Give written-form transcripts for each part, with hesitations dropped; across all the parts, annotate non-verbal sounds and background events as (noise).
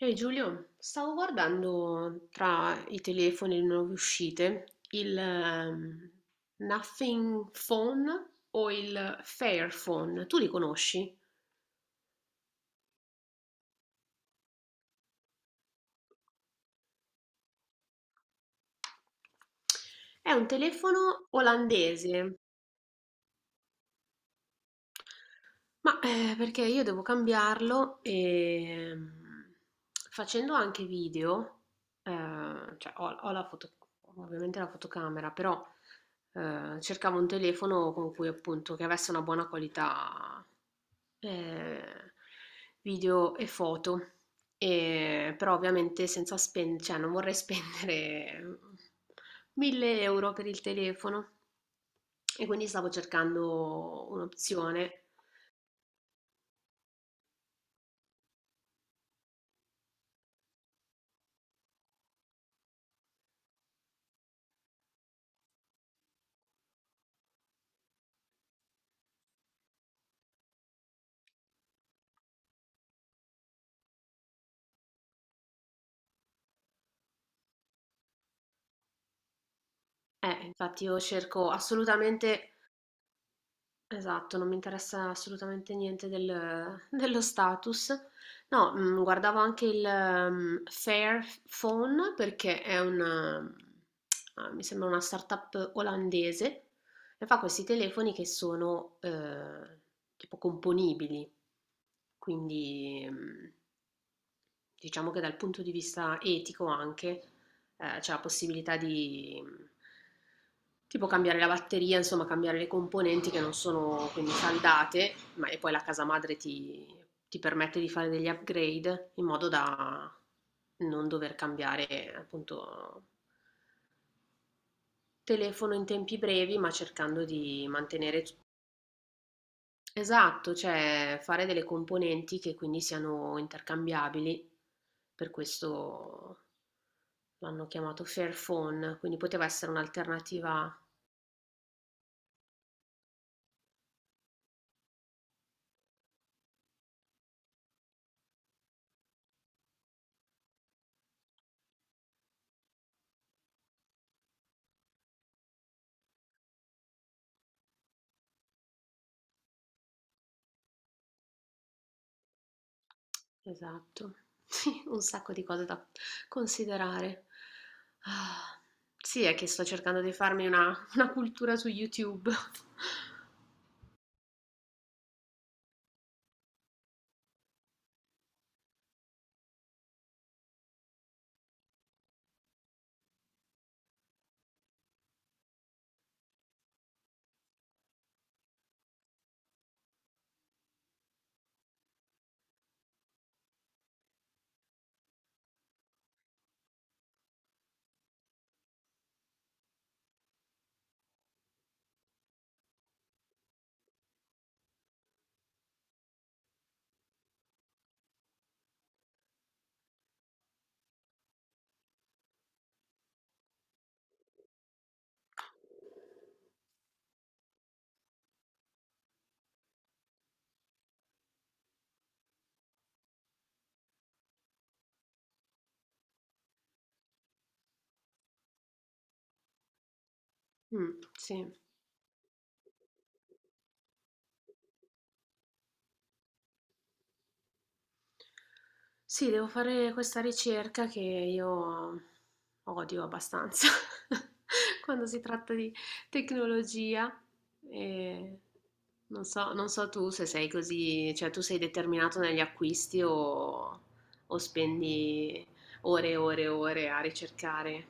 Ehi Giulio, stavo guardando tra i telefoni e le nuove uscite il Nothing Phone o il Fairphone, tu li conosci? È un telefono olandese. Ma, perché io devo cambiarlo, facendo anche video, cioè ho la foto, ovviamente la fotocamera, però, cercavo un telefono con cui appunto che avesse una buona qualità, ehm, video e foto. E, però ovviamente senza spendere, cioè non vorrei (laughs) spendere 1000 euro per il telefono. E quindi stavo cercando un'opzione. Infatti io cerco assolutamente esatto, non mi interessa assolutamente niente del (laughs) dello status. No, mhmm, guardavo anche il Fairphone perché è una ah, mi sembra una startup olandese e fa questi telefoni che sono, tipo componibili. Quindi, mhmm. Diciamo che dal punto di vista etico anche, c'è la possibilità di mhmm, tipo cambiare la batteria, insomma cambiare le componenti che non sono quindi saldate, ma e poi la casa madre ti ti permette di fare degli upgrade in modo da non dover cambiare appunto telefono in tempi brevi, ma cercando di mantenere t. Esatto, cioè fare delle componenti che quindi siano intercambiabili, per questo l'hanno chiamato Fairphone, quindi poteva essere un'alternativa. Esatto, (laughs) sì, un sacco di cose da considerare. Ah, sì, è che sto cercando di farmi una cultura su YouTube. (laughs) Mm, sì. Sì, devo fare questa ricerca che io odio abbastanza (laughs) quando si tratta di tecnologia e non so, non so tu se sei così, cioè tu sei determinato negli acquisti o spendi ore e ore e ore a ricercare.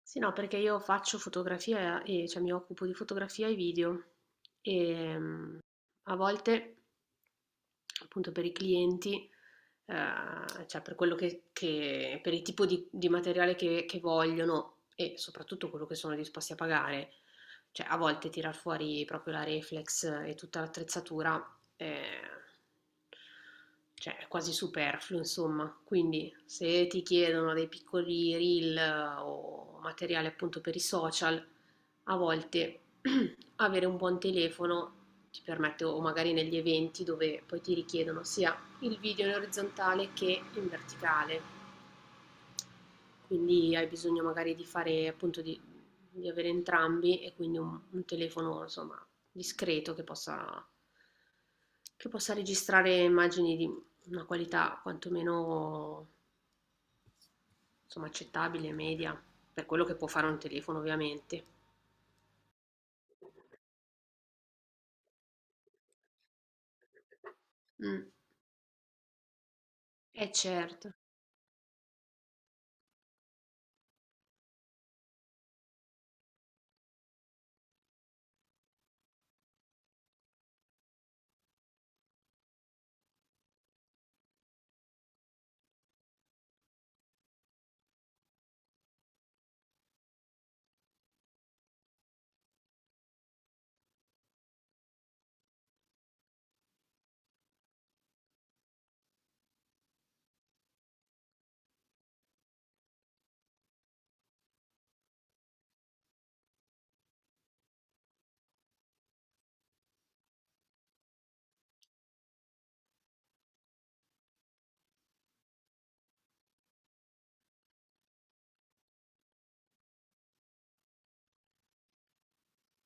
Sì, no, perché io faccio fotografia e cioè mi occupo di fotografia e video e mm, a volte appunto per i clienti, cioè per quello che per il tipo di materiale che vogliono e soprattutto quello che sono disposti a pagare. Cioè a volte tirar fuori proprio la reflex e tutta l'attrezzatura, ehm, cioè è quasi superfluo insomma. Quindi se ti chiedono dei piccoli reel o materiale appunto per i social, a volte (clears throat) avere un buon telefono ti permette, o magari negli eventi dove poi ti richiedono sia il video in orizzontale che in verticale, quindi hai bisogno magari di fare appunto di avere entrambi e quindi un telefono insomma discreto che possa registrare immagini di una qualità quantomeno insomma accettabile, media, per quello che può fare un telefono ovviamente. Mm, è certo.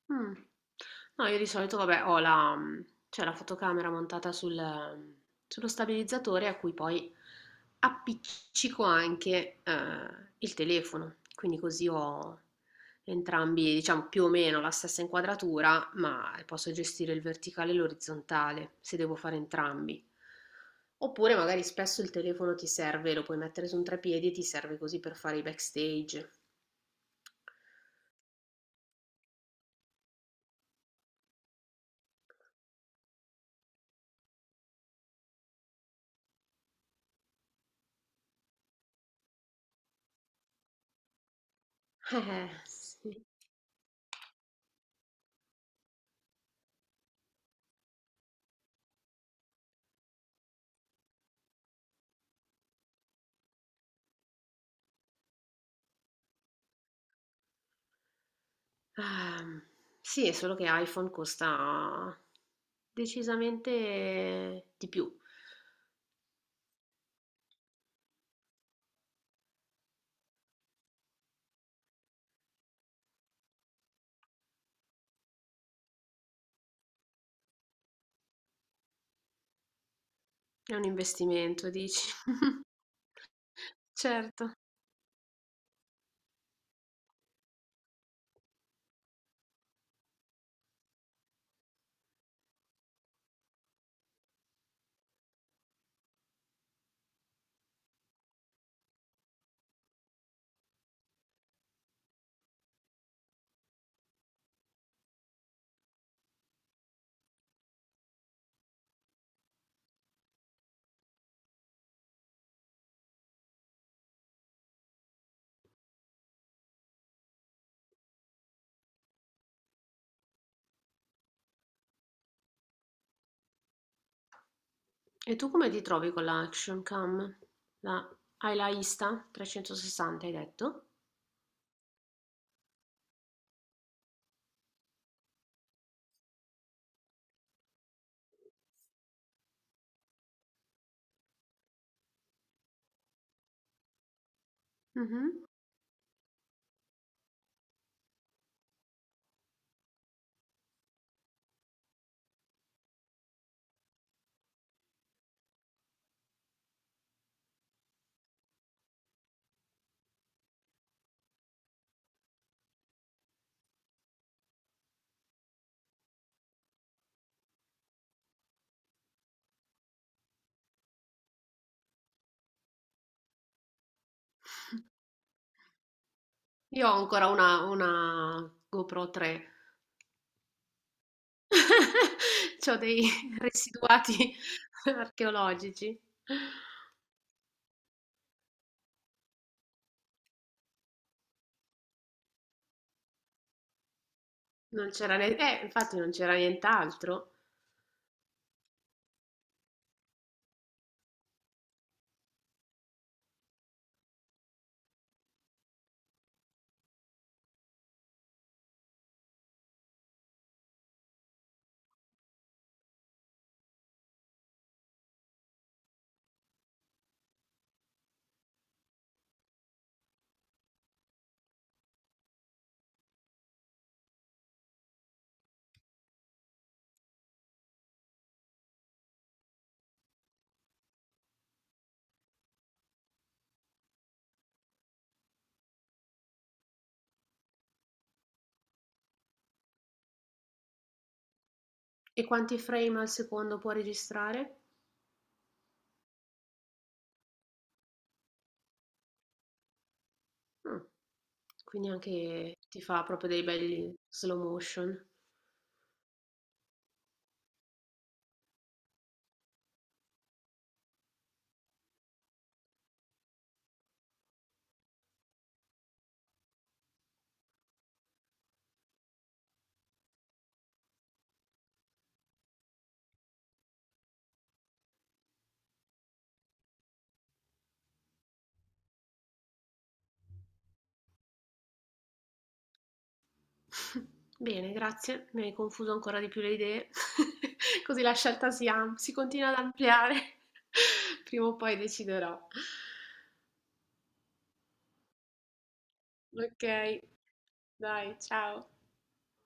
Mh. No, io di solito vabbè ho la mhmm, c'è la fotocamera montata sul mm, sullo stabilizzatore a cui poi appiccico anche, il telefono, quindi così ho entrambi, diciamo, più o meno la stessa inquadratura, ma posso gestire il verticale e l'orizzontale, se devo fare entrambi. Oppure magari spesso il telefono ti serve, lo puoi mettere su un treppiedi e ti serve così per fare i backstage. Sì. Ehm, sì, è solo che iPhone costa decisamente di più. È un investimento, dici? (laughs) Certo. E tu come ti trovi con la Action Cam? La- hai la Insta 360, hai detto? Mhm. Io ho ancora una GoPro 3. (laughs) C'ho dei (laughs) residuati (laughs) archeologici. Non c'era ne- infatti non c'era nient'altro. E quanti frame al secondo può registrare? Mh, quindi anche ti fa proprio dei belli slow motion. (laughs) Bene, grazie, mi hai confuso ancora di più le idee, (laughs) così la scelta si am- si continua ad ampliare. (laughs) Prima o poi deciderò. Ok, dai, ciao.